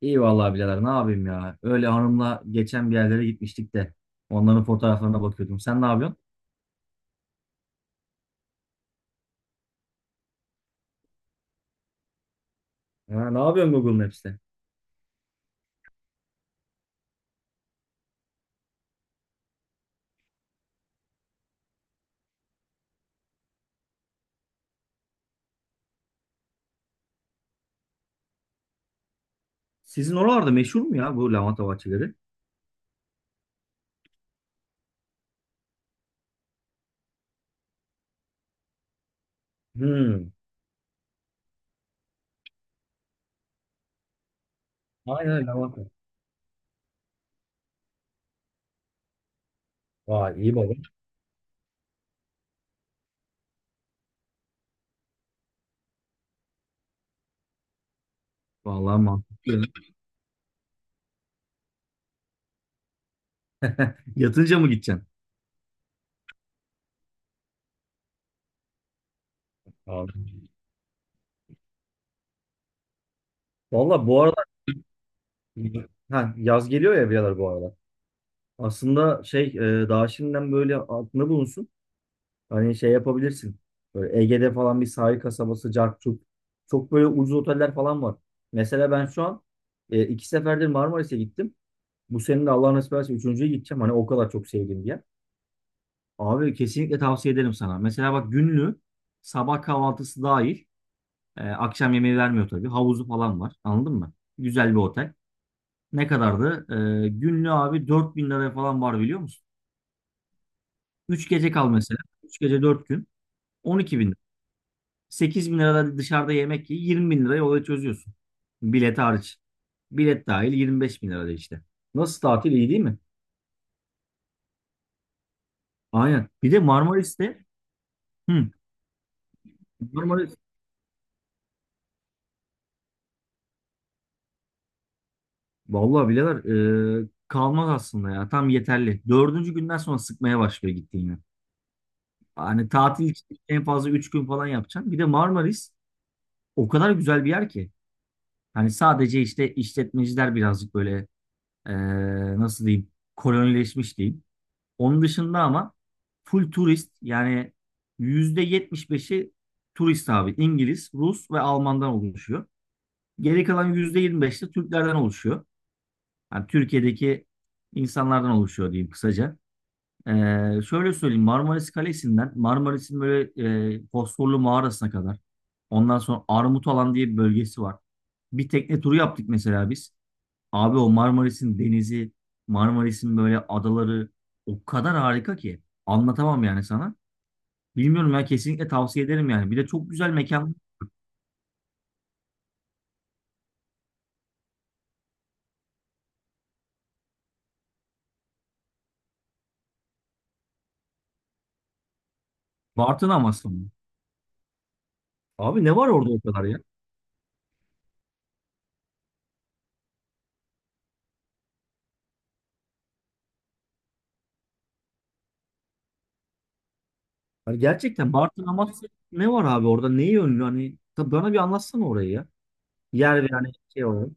İyi vallahi birader ne yapayım ya. Öyle hanımla geçen bir yerlere gitmiştik de. Onların fotoğraflarına bakıyordum. Sen ne yapıyorsun? Ha, ne yapıyorsun Google Maps'te? Sizin oralarda meşhur mu ya bu lavanta bahçeleri? Hmm. Aynen lavanta. Vay iyi baba. Vallahi mantıklı. Yatınca mı gideceksin? Abi. Valla bu arada ha, yaz geliyor ya birader bu arada. Aslında şey daha şimdiden böyle aklında bulunsun. Hani şey yapabilirsin. Böyle Ege'de falan bir sahil kasabası, Carçuk. Çok böyle ucuz oteller falan var. Mesela ben şu an iki seferdir Marmaris'e gittim. Bu senin de Allah nasip ederse üçüncüye gideceğim. Hani o kadar çok sevdiğim bir yer. Abi kesinlikle tavsiye ederim sana. Mesela bak günlü sabah kahvaltısı dahil akşam yemeği vermiyor tabii. Havuzu falan var. Anladın mı? Güzel bir otel. Ne kadardı? Günlü abi 4.000 liraya falan var biliyor musun? 3 gece kal mesela. 3 gece 4 gün. 12.000 8 bin lirada dışarıda yemek ye 20 bin lirayı olaya çözüyorsun. Bilet hariç. Bilet dahil 25 bin lirada işte. Nasıl tatil iyi değil mi? Aynen. Bir de Marmaris'te hı, Marmaris vallahi bileler kalmaz aslında ya. Tam yeterli. Dördüncü günden sonra sıkmaya başlıyor gittiğini. Hani tatil için en fazla 3 gün falan yapacaksın. Bir de Marmaris o kadar güzel bir yer ki. Hani sadece işte işletmeciler birazcık böyle e, nasıl diyeyim kolonileşmiş diyeyim. Onun dışında ama full turist yani %75'i turist abi. İngiliz, Rus ve Alman'dan oluşuyor. Geri kalan %25 de Türklerden oluşuyor. Yani Türkiye'deki insanlardan oluşuyor diyeyim kısaca. Ee, şöyle söyleyeyim Marmaris Kalesi'nden Marmaris'in böyle Fosforlu mağarasına kadar. Ondan sonra Armutalan diye bir bölgesi var. Bir tekne turu yaptık mesela biz. Abi o Marmaris'in denizi, Marmaris'in böyle adaları o kadar harika ki anlatamam yani sana. Bilmiyorum ya kesinlikle tavsiye ederim yani. Bir de çok güzel mekan Bartın Amasya mı? Abi ne var orada o kadar ya? Hani gerçekten Bartın Amasya ne var abi orada? Neyi ünlü? Hani tabii bana bir anlatsana orayı ya. Yer ve yani şey olarak.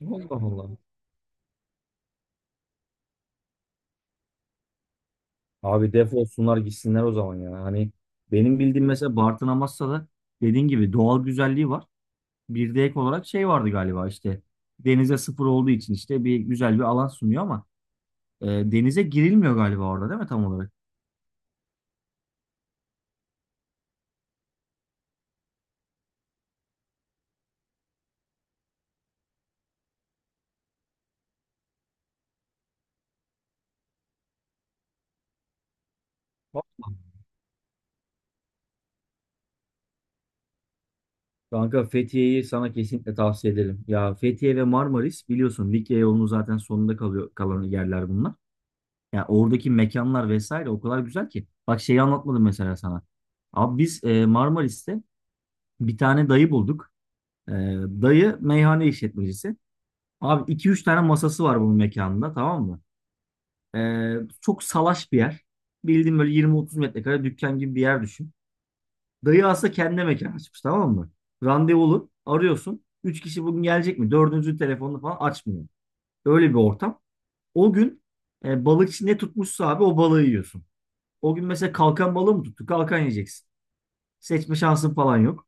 Allah Allah. Abi def olsunlar gitsinler o zaman ya. Hani benim bildiğim mesela Bartın Amasya'da dediğin gibi doğal güzelliği var. Bir de ek olarak şey vardı galiba işte denize sıfır olduğu için işte bir güzel bir alan sunuyor ama denize girilmiyor galiba orada değil mi tam olarak? Vallahi. Kanka Fethiye'yi sana kesinlikle tavsiye ederim. Ya Fethiye ve Marmaris biliyorsun Likya yolunun zaten sonunda kalıyor kalan yerler bunlar. Ya oradaki mekanlar vesaire o kadar güzel ki. Bak şeyi anlatmadım mesela sana. Abi biz Marmaris'te bir tane dayı bulduk. E, dayı meyhane işletmecisi. Abi iki üç tane masası var bunun mekanında tamam mı? Ee, çok salaş bir yer. Bildiğin böyle 20-30 metrekare dükkan gibi bir yer düşün. Dayı aslında kendine mekan açmış tamam mı? Randevulu arıyorsun. 3 kişi bugün gelecek mi? Dördüncü telefonunu falan açmıyor. Öyle bir ortam. O gün balıkçı ne tutmuşsa abi o balığı yiyorsun. O gün mesela kalkan balığı mı tuttu? Kalkan yiyeceksin. Seçme şansın falan yok.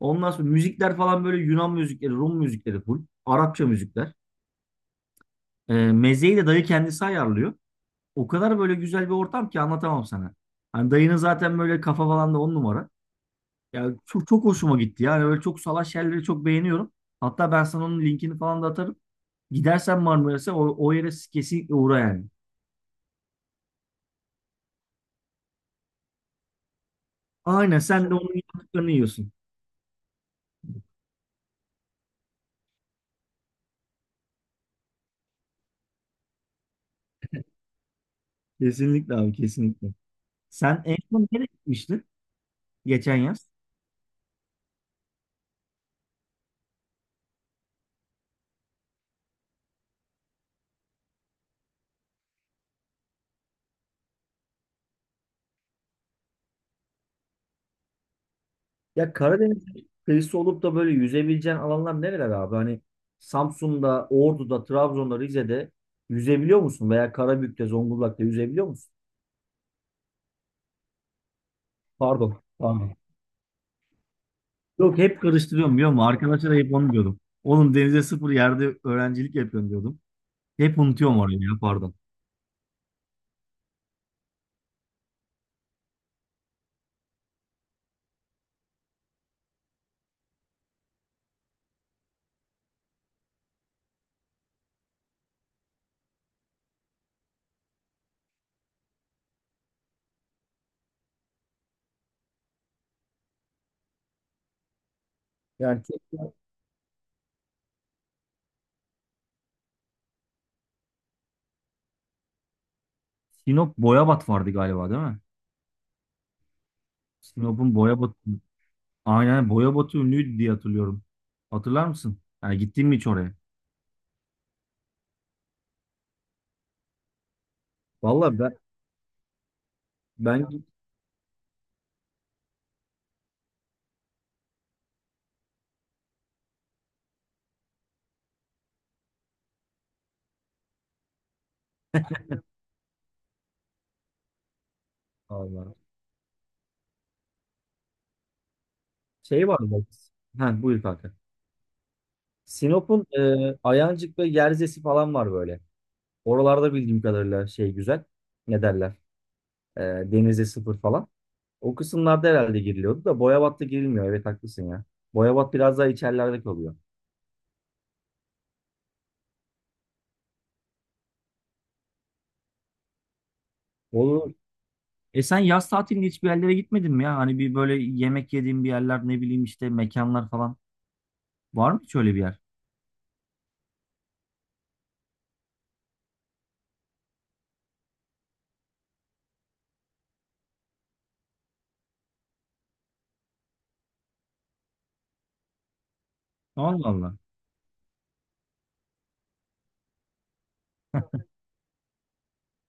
Ondan sonra müzikler falan böyle Yunan müzikleri, Rum müzikleri full. Arapça müzikler. Mezeyi de dayı kendisi ayarlıyor. O kadar böyle güzel bir ortam ki anlatamam sana. Hani dayının zaten böyle kafa falan da on numara. Ya çok, çok hoşuma gitti. Yani öyle çok salaş yerleri çok beğeniyorum. Hatta ben sana onun linkini falan da atarım. Gidersen Marmaris'e o yere kesinlikle uğra yani. Aynen sen de onun yaptıklarını yiyorsun. Kesinlikle abi kesinlikle. Sen en son nereye gitmiştin geçen yaz? Ya Karadeniz kıyısı olup da böyle yüzebileceğin alanlar nereler abi? Hani Samsun'da, Ordu'da, Trabzon'da, Rize'de yüzebiliyor musun? Veya Karabük'te, Zonguldak'ta yüzebiliyor musun? Pardon, pardon. Yok hep karıştırıyorum biliyor musun? Arkadaşlara hep onu diyordum. Oğlum denize sıfır yerde öğrencilik yapıyorum diyordum. Hep unutuyorum orayı ya pardon. Yani çok- Sinop Boyabat vardı galiba değil mi? Sinop'un Boyabat aynen Boyabat'ı ünlüydü diye hatırlıyorum. Hatırlar mısın? Yani gittin mi hiç oraya? Vallahi ben Allah. Şey var mı? Ha, buyur kanka. Sinop'un Ayancık ve Yerzesi falan var böyle. Oralarda bildiğim kadarıyla şey güzel. Ne derler? E, denize sıfır falan. O kısımlarda herhalde giriliyordu da Boyabat'ta girilmiyor. Evet haklısın ya. Boyabat biraz daha içerilerde kalıyor. Olur. Sen yaz tatilinde hiçbir yerlere gitmedin mi ya? Hani bir böyle yemek yediğin bir yerler ne bileyim işte mekanlar falan. Var mı hiç öyle bir yer? Allah Allah.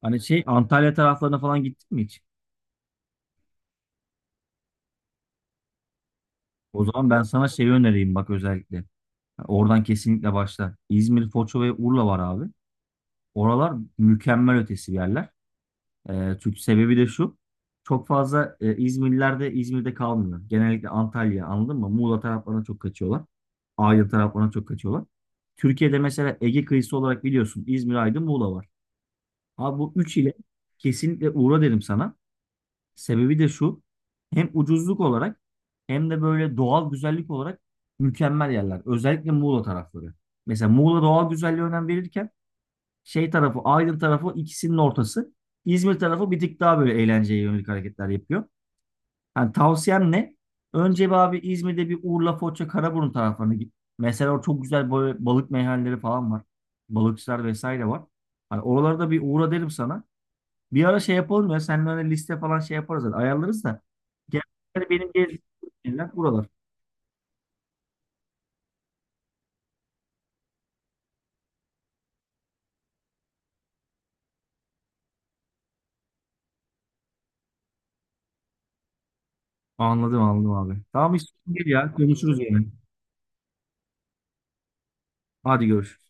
Hani şey Antalya taraflarına falan gittin mi hiç? O zaman ben sana şeyi önereyim bak özellikle. Oradan kesinlikle başla. İzmir, Foça ve Urla var abi. Oralar mükemmel ötesi yerler. Çünkü sebebi de şu. Çok fazla İzmirliler de İzmir'de kalmıyor. Genellikle Antalya anladın mı? Muğla taraflarına çok kaçıyorlar. Aydın taraflarına çok kaçıyorlar. Türkiye'de mesela Ege kıyısı olarak biliyorsun İzmir, Aydın, Muğla var. Abi bu üç ile kesinlikle uğra derim sana. Sebebi de şu. Hem ucuzluk olarak hem de böyle doğal güzellik olarak mükemmel yerler. Özellikle Muğla tarafları. Mesela Muğla doğal güzelliğe önem verirken şey tarafı, Aydın tarafı ikisinin ortası. İzmir tarafı bir tık daha böyle eğlenceye yönelik hareketler yapıyor. Yani tavsiyem ne? Önce bir abi İzmir'de bir Urla, Foça, Karaburun taraflarına git. Mesela orada çok güzel böyle balık meyhaneleri falan var. Balıkçılar vesaire var. Hani oralarda bir uğra derim sana. Bir ara şey yapalım ya. Seninle öyle liste falan şey yaparız. Yani ayarlarız da. Genelde benim gezdiğim yerler buralar. Anladım anladım abi. Tamam hiç sorun değil ya. Konuşuruz yine. Hadi görüşürüz.